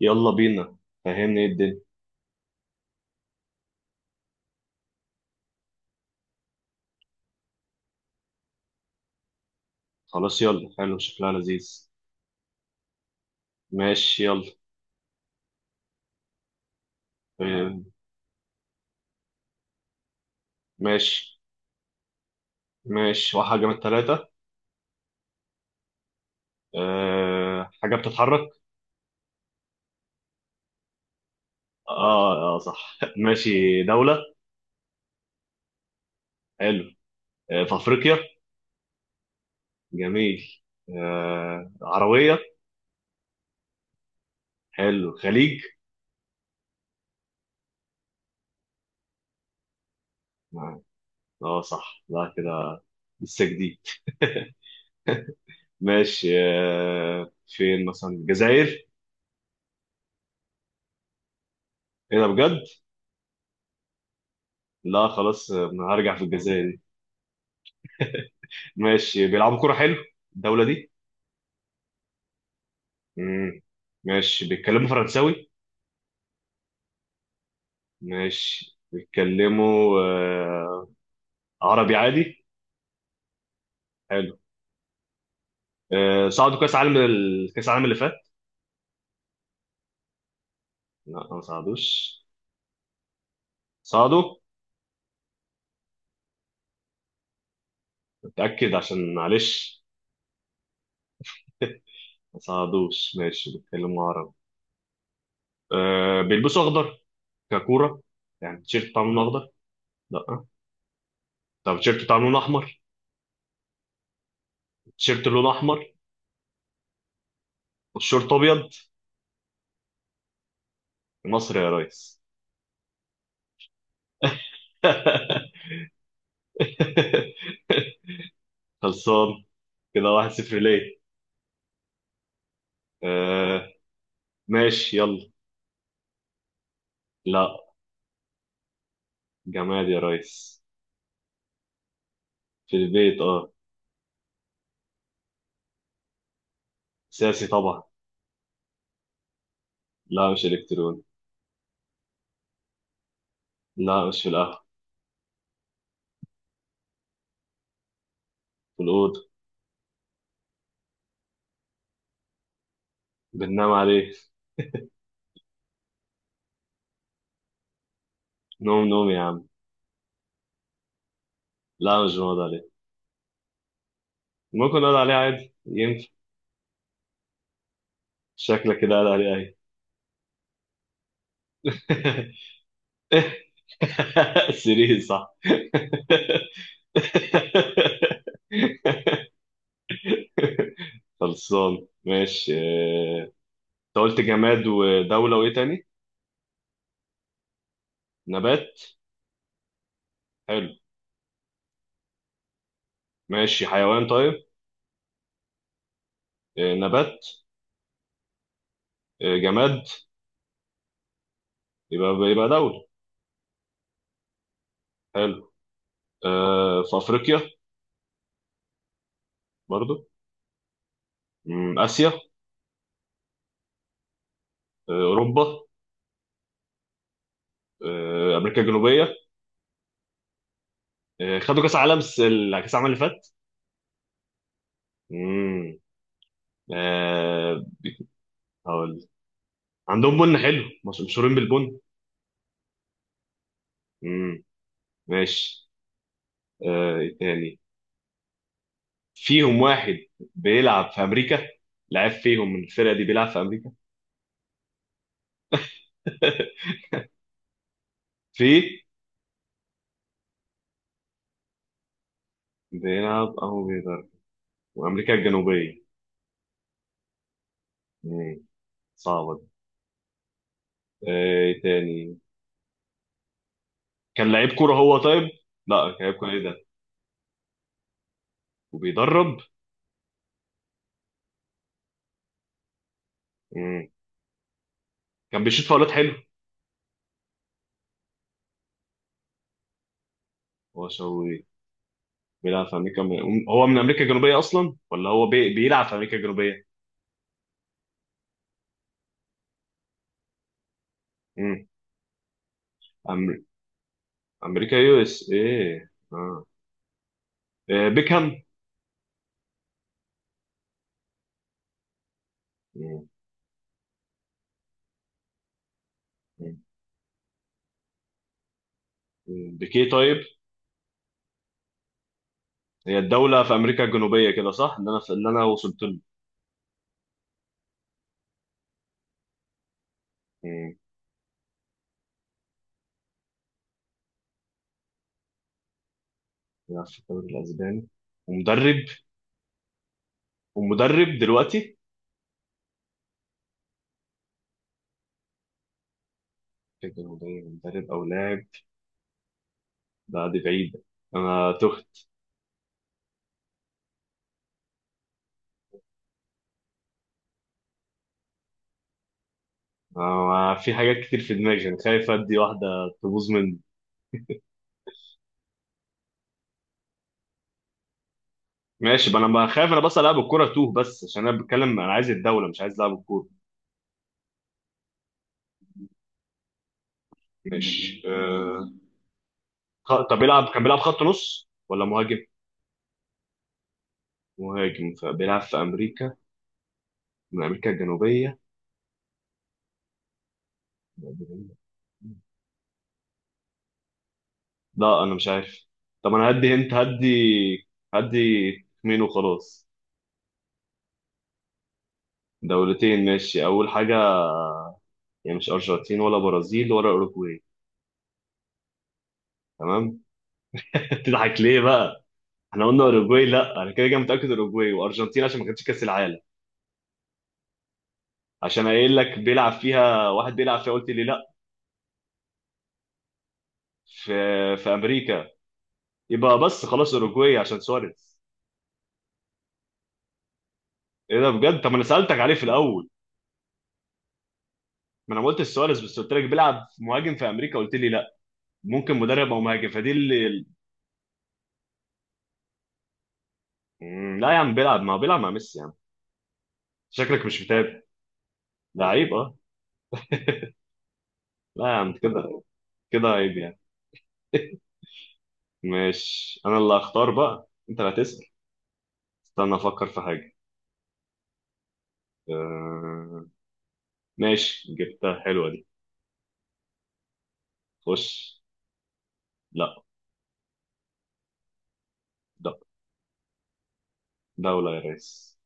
يلا بينا. فهمني ايه الدنيا. خلاص، يلا. حلو، شكلها لذيذ. ماشي، يلا. آه. ماشي، ماشي، واحد من التلاتة. أه، حاجة بتتحرك. اه، اه، صح. ماشي، دولة. حلو. أه، في أفريقيا. جميل. أه، عربية. حلو، خليج. نعم. اه، صح، لا كده. لسه جديد. ماشي، فين مثلا الجزائر؟ ايه ده بجد؟ لا خلاص، هرجع في الجزائر دي. ماشي، بيلعبوا كرة، حلو الدولة دي. مم. ماشي، بيتكلموا فرنساوي. ماشي، بيتكلموا عربي عادي. حلو. صعدوا كاس عالم كاس العالم اللي فات. لا، ما صعدوش. صعدوا. متأكد؟ عشان معلش. ما صعدوش. ماشي، بيتكلموا عربي. بيلبسوا اخضر ككورة، يعني التيشيرت بتاع لونه اخضر. لا. طب التيشيرت بتاع لونه احمر؟ التيشيرت لونه احمر والشورت ابيض. مصر يا ريس. خلصان. كده واحد صفر ليه؟ آه، ماشي، يلا. لا، جماد يا ريس. في البيت، اه. سياسي طبعا. لا، مش الكتروني. لا، مش في القهوة. في الأوضة. بننام عليه، نوم نوم يا عم. لا، مش بنقعد عليه. ممكن نقعد عليه عادي، ينفع. شكلك كده قاعد عليه اهي. سرير، صح. خلصان. ماشي. انت قلت جماد ودولة وايه تاني؟ نبات. حلو. ماشي، حيوان طيب. نبات. جماد. يبقى دولة. حلو. آه، في أفريقيا. برضو. آسيا؟ آه، أوروبا؟ آه، أمريكا الجنوبية؟ آه، خدوا كأس عالم كأس العالم اللي فات. مم. آه هقول عندهم بن حلو، مشهورين بالبن. مم. ماشي. إيه تاني؟ فيهم واحد بيلعب في أمريكا، لعب فيهم من الفرقة دي بيلعب في أمريكا. في. بيلعب أو بيضرب، وأمريكا الجنوبية. مم. صعبة دي. آه إيه تاني؟ كان لعيب كوره هو طيب. لا، كان لعيب كوره، ايه ده؟ وبيدرب. مم. كان بيشوط فاولات، حلو. هو شوي بيلعب في امريكا هو من امريكا الجنوبيه اصلا، ولا هو بيلعب في امريكا الجنوبيه. مم. أمر... امريكا يو اس ايه، اه. بيكهام. مم. مم. بيكيه طيب. هي الدوله في امريكا الجنوبيه كده صح، اللي انا وصلت له. مم. بيلعب في الدوري الاسباني ومدرب. ومدرب دلوقتي. فكرة مدرب او لاعب. ده دي بعيد. انا تهت. أنا في حاجات كتير في دماغي، انا خايف ادي واحده تبوظ مني. ماشي بقى، انا بقى خايف. انا بس العب الكوره توه، بس عشان انا بتكلم انا عايز الدوله مش عايز العب الكوره. ماشي. طب كان بيلعب خط نص ولا مهاجم؟ مهاجم فبيلعب في امريكا من امريكا الجنوبيه. لا، انا مش عارف. طب انا هدي، انت هدي مين وخلاص. دولتين، ماشي اول حاجه. يعني مش ارجنتين ولا برازيل ولا اوروجواي. تمام. تضحك ليه بقى؟ احنا قلنا اوروجواي؟ لا، انا كده كده متاكد اوروجواي وارجنتين عشان ما كانتش كاس العالم. عشان قايل لك بيلعب فيها واحد، بيلعب فيها قلت لي لا. في في امريكا. يبقى بس خلاص اوروجواي عشان سواريز. ايه ده بجد؟ طب ما انا سالتك عليه في الاول. ما انا ما قلتش سواريز، بس قلت لك بيلعب مهاجم في امريكا، قلت لي لا. ممكن مدرب او مهاجم، فدي اللي. لا يا عم، بيلعب، ما هو بيلعب مع ميسي يا عم. شكلك مش متابع. ده عيب، اه. لا يا عم، كده كده عيب يعني. ماشي، انا اللي هختار بقى، انت اللي هتسال. استنى افكر في حاجه. أه... ماشي، جبتها حلوة دي. خش. لا، لا، دولة يا ريس.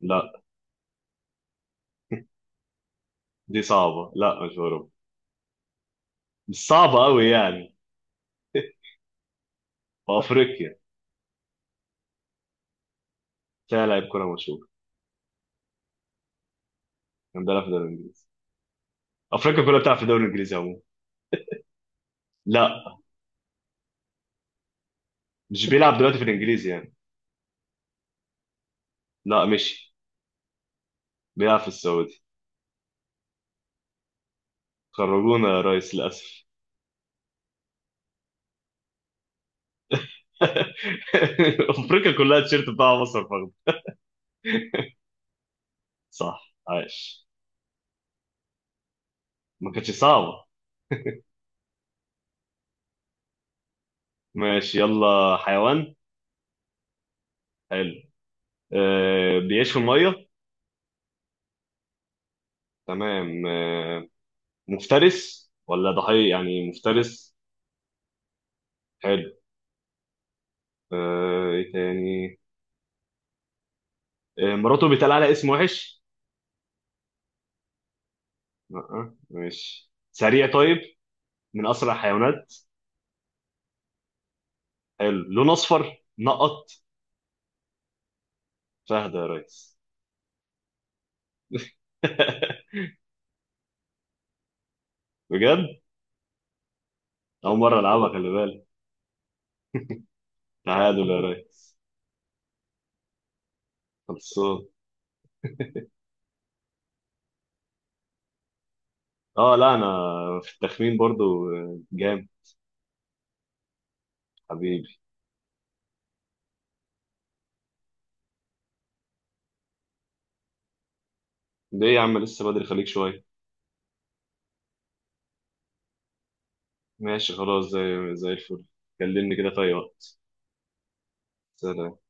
لا، دي صعبة، لا مش أوروبا. مش صعبة أوي يعني. في أفريقيا. فيها لاعب كرة مشهور. كان بيلعب في الدوري الإنجليزي. أفريقيا كلها بتلعب في الدوري الإنجليزي عموما. لا، مش بيلعب دلوقتي في الإنجليزي يعني. لا، مشي. بيلعب في السعودي. خرجونا يا ريس للأسف. أفريقيا كلها التيشيرت بتاع مصر فخد. صح، عايش. ما كانتش صعبة. ماشي، يلا، حيوان. حلو. أه، بيعيش في المية. تمام. مفترس ولا ضحية؟ يعني مفترس. حلو. ايه تاني؟ مراته بيتقال على اسم وحش. لا. ماشي، سريع طيب. من اسرع الحيوانات. حلو، لون اصفر نقط. فهد يا ريس. بجد؟ اول مره العبها، خلي بالك. تعادل يا ريس. خلصان. اه، لا، انا في التخمين برضو جامد. حبيبي. ده ايه يا عم؟ لسه بدري، خليك شويه. ماشي، خلاص، زي الفل. كلمني كده في اي وقت. سلام.